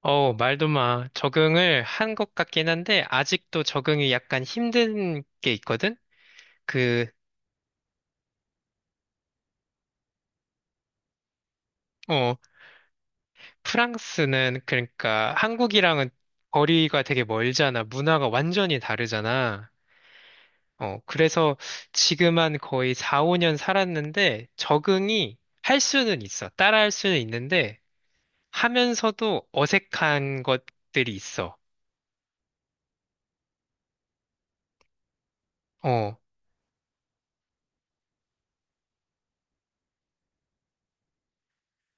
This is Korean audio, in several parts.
어, 말도 마. 적응을 한 것 같긴 한데, 아직도 적응이 약간 힘든 게 있거든? 그, 어, 프랑스는, 그러니까 한국이랑은 거리가 되게 멀잖아. 문화가 완전히 다르잖아. 어, 그래서 지금 한 거의 4, 5년 살았는데, 적응이 할 수는 있어. 따라 할 수는 있는데, 하면서도 어색한 것들이 있어. 어,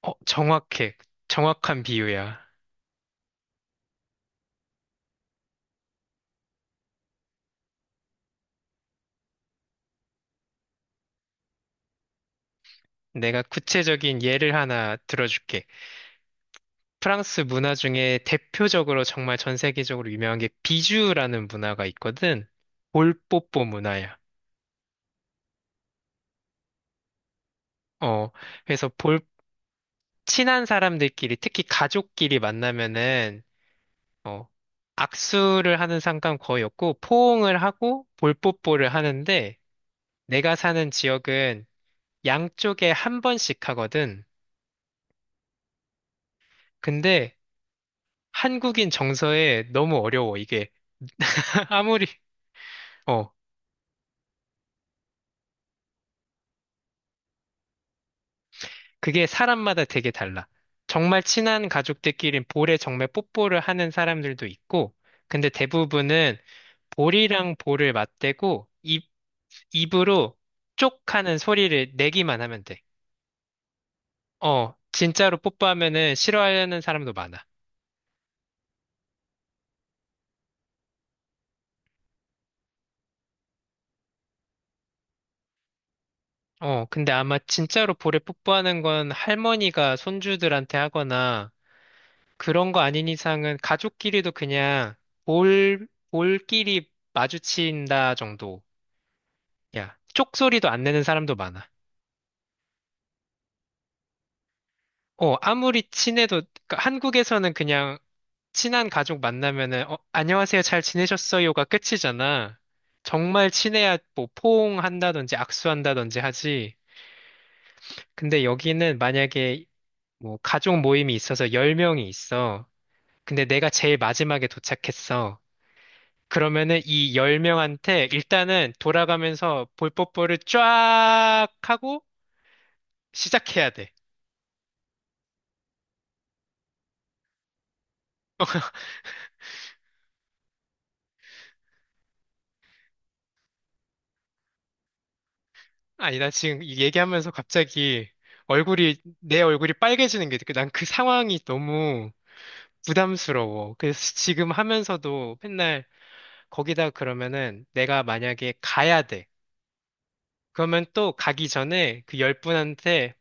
어, 정확해. 정확한 비유야. 내가 구체적인 예를 하나 들어줄게. 프랑스 문화 중에 대표적으로 정말 전 세계적으로 유명한 게 비주라는 문화가 있거든. 볼뽀뽀 문화야. 어, 그래서 친한 사람들끼리, 특히 가족끼리 만나면은, 어, 악수를 하는 상관 거의 없고, 포옹을 하고 볼뽀뽀를 하는데, 내가 사는 지역은 양쪽에 한 번씩 하거든. 근데 한국인 정서에 너무 어려워, 이게. 아무리, 어, 그게 사람마다 되게 달라. 정말 친한 가족들끼리 볼에 정말 뽀뽀를 하는 사람들도 있고, 근데 대부분은 볼이랑 볼을 맞대고 입으로 쪽 하는 소리를 내기만 하면 돼. 어, 진짜로 뽀뽀하면은 싫어하는 사람도 많아. 어, 근데 아마 진짜로 볼에 뽀뽀하는 건 할머니가 손주들한테 하거나 그런 거 아닌 이상은 가족끼리도 그냥 볼끼리 마주친다. 야, 쪽소리도 안 내는 사람도 많아. 어, 아무리 친해도, 그러니까 한국에서는 그냥 친한 가족 만나면은, 어, 안녕하세요, 잘 지내셨어요가 끝이잖아. 정말 친해야 뭐 포옹한다든지 악수한다든지 하지. 근데 여기는 만약에 뭐 가족 모임이 있어서 10명이 있어. 근데 내가 제일 마지막에 도착했어. 그러면은 이 10명한테 일단은 돌아가면서 볼뽀뽀를 쫙 하고 시작해야 돼. 아니, 나 지금 이 얘기하면서 갑자기 내 얼굴이 빨개지는 게, 난 그 상황이 너무 부담스러워. 그래서 지금 하면서도 맨날 거기다, 그러면은 내가 만약에 가야 돼. 그러면 또 가기 전에 그 열 분한테,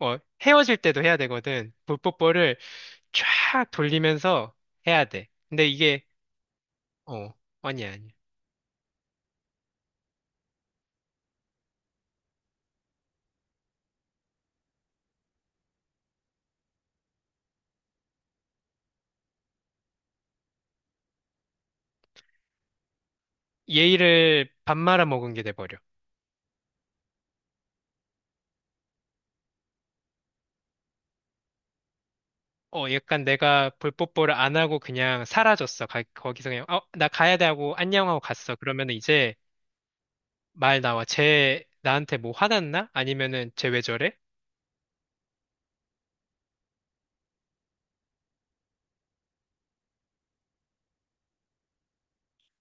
어, 헤어질 때도 해야 되거든. 볼뽀뽀를 쫙 돌리면서 해야 돼. 근데 이게, 어, 아니야, 아니야. 예의를 밥 말아 먹은 게 돼버려. 어, 약간 내가 볼뽀뽀를 안 하고 그냥 사라졌어. 거기서 그냥, 어, 나 가야 돼 하고 안녕하고 갔어. 그러면 이제 말 나와. 쟤 나한테 뭐 화났나? 아니면은 쟤 왜 저래?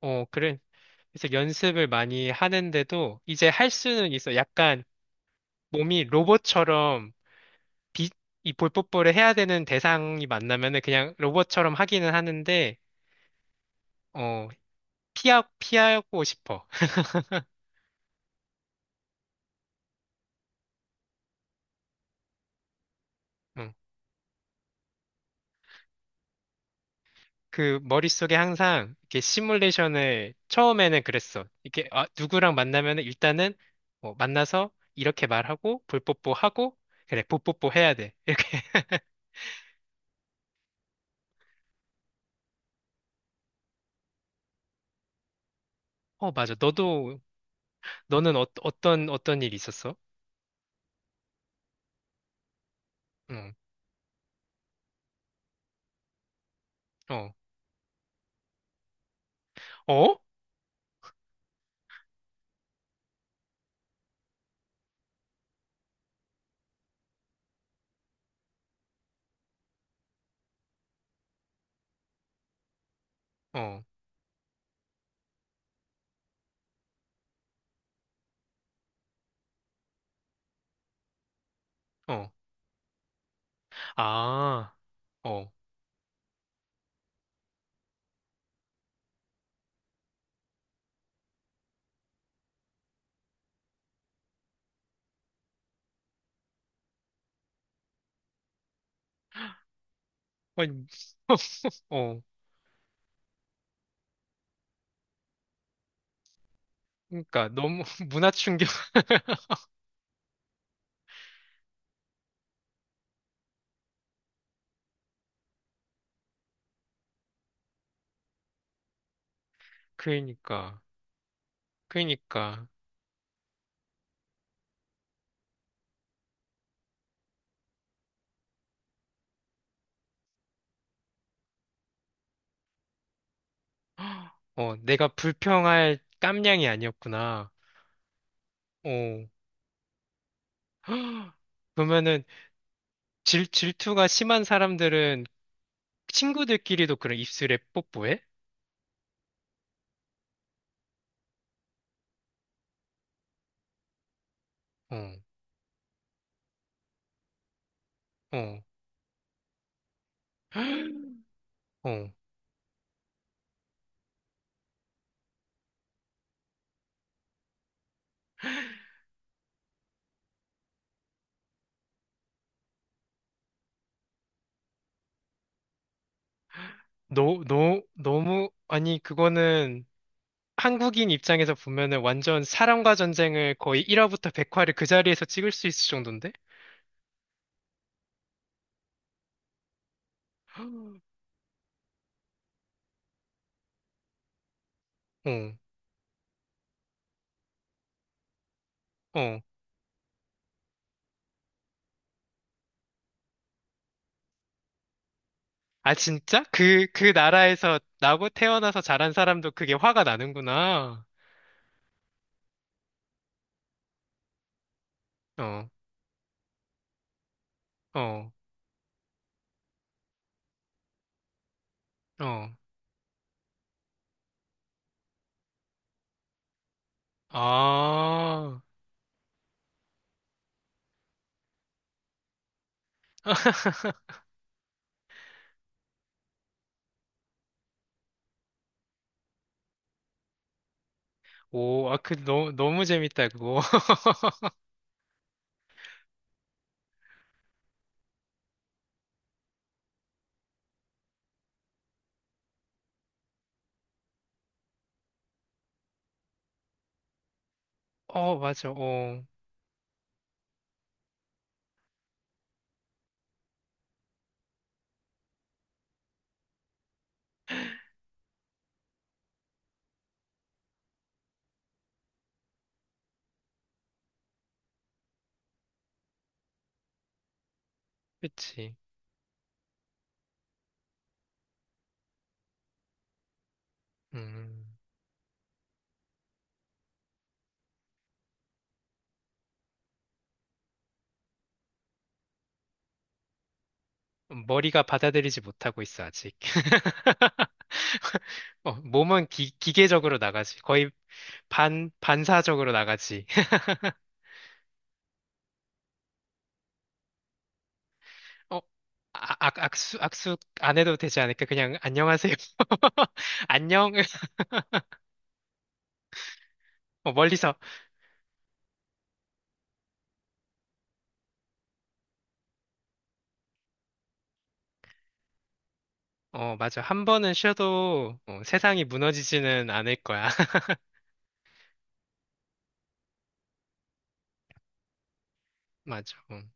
어, 그래. 그래서 연습을 많이 하는데도 이제 할 수는 있어. 약간 몸이 로봇처럼, 비, 이 볼뽀뽀를 해야 되는 대상이 만나면은 그냥 로봇처럼 하기는 하는데, 어, 피하고 싶어. 그 머릿속에 항상 이렇게 시뮬레이션을, 처음에는 그랬어. 이렇게, 아, 누구랑 만나면은 일단은 뭐 만나서 이렇게 말하고 볼뽀뽀 하고, 그래 볼뽀뽀 해야 돼, 이렇게. 어, 맞아. 너도. 너는, 어, 어떤 일이 있었어? 응. 어. 어? 어. 어. 아. 어. 아니, 어. 그러니까 너무 문화 충격. 그러니까. 그러니까. 어, 내가 불평할 깜냥이 아니었구나. 어. 그러면은 질투가 심한 사람들은 친구들끼리도 그런 입술에 뽀뽀해? 어. 어. 어. 너무, 아니, 그거는 한국인 입장에서 보면은 완전 사람과 전쟁을 거의 1화부터 100화를 그 자리에서 찍을 수 있을 정도인데? 어, 어. 아, 진짜? 그 나라에서 나고 태어나서 자란 사람도 그게 화가 나는구나. 어. 어. 어. 아. 오, 아, 너무, 너무 재밌다, 그거. 어, 맞아, 어, 그치. 음, 머리가 받아들이지 못하고 있어, 아직. 어, 몸은 기계적으로 나가지. 거의 반사적으로 나가지. 어, 아, 악수 안 해도 되지 않을까? 그냥, 안녕하세요. 안녕. 어, 멀리서. 어, 맞아. 한 번은 쉬어도, 어, 세상이 무너지지는 않을 거야. 맞아. 음.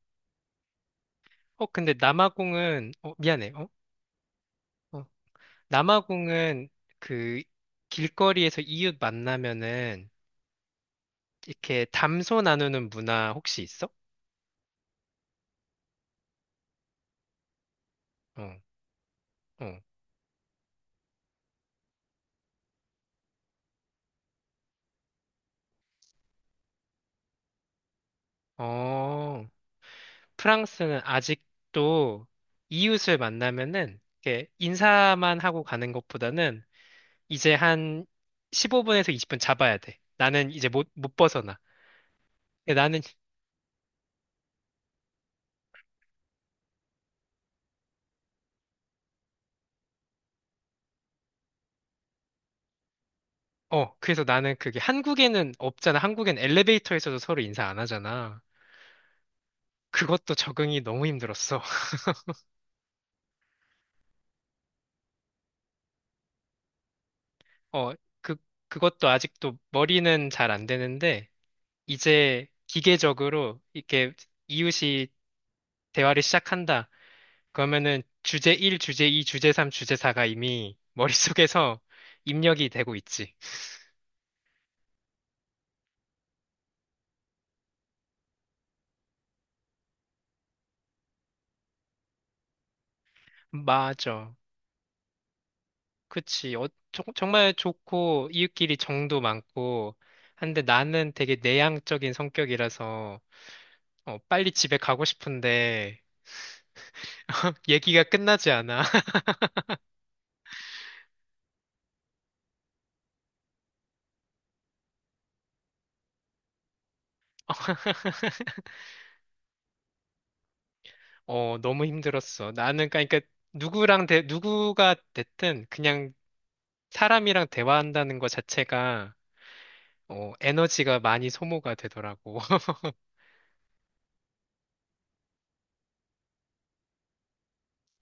어, 근데 남아공은, 어, 미안해. 어? 어. 남아공은 그 길거리에서 이웃 만나면은 이렇게 담소 나누는 문화 혹시 있어? 어. 어. 어, 프랑스는 아직도 이웃을 만나면은 이렇게 인사만 하고 가는 것보다는 이제 한 15분에서 20분 잡아야 돼. 나는 이제 못 벗어나. 근데 나는, 어, 그래서 나는 그게 한국에는 없잖아. 한국엔 엘리베이터에서도 서로 인사 안 하잖아. 그것도 적응이 너무 힘들었어. 어, 그, 그것도 아직도 머리는 잘 안 되는데, 이제 기계적으로 이렇게 이웃이 대화를 시작한다. 그러면은 주제 1, 주제 2, 주제 3, 주제 4가 이미 머릿속에서 입력이 되고 있지. 맞아. 그치. 어, 정말 좋고, 이웃끼리 정도 많고, 한데 나는 되게 내향적인 성격이라서, 어, 빨리 집에 가고 싶은데, 얘기가 끝나지 않아. 어, 너무 힘들었어. 나는, 그러니까 누구가 됐든, 그냥 사람이랑 대화한다는 것 자체가, 어, 에너지가 많이 소모가 되더라고.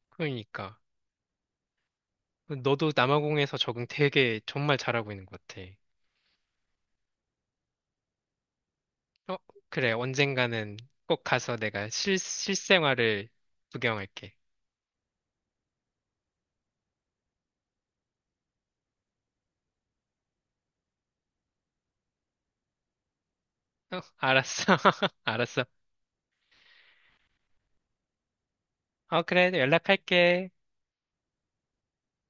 그러니까. 너도 남아공에서 적응 되게 정말 잘하고 있는 것 같아. 어, 그래. 언젠가는 꼭 가서 내가 실생활을 구경할게. 어, 알았어. 알았어. 어, 그래. 연락할게.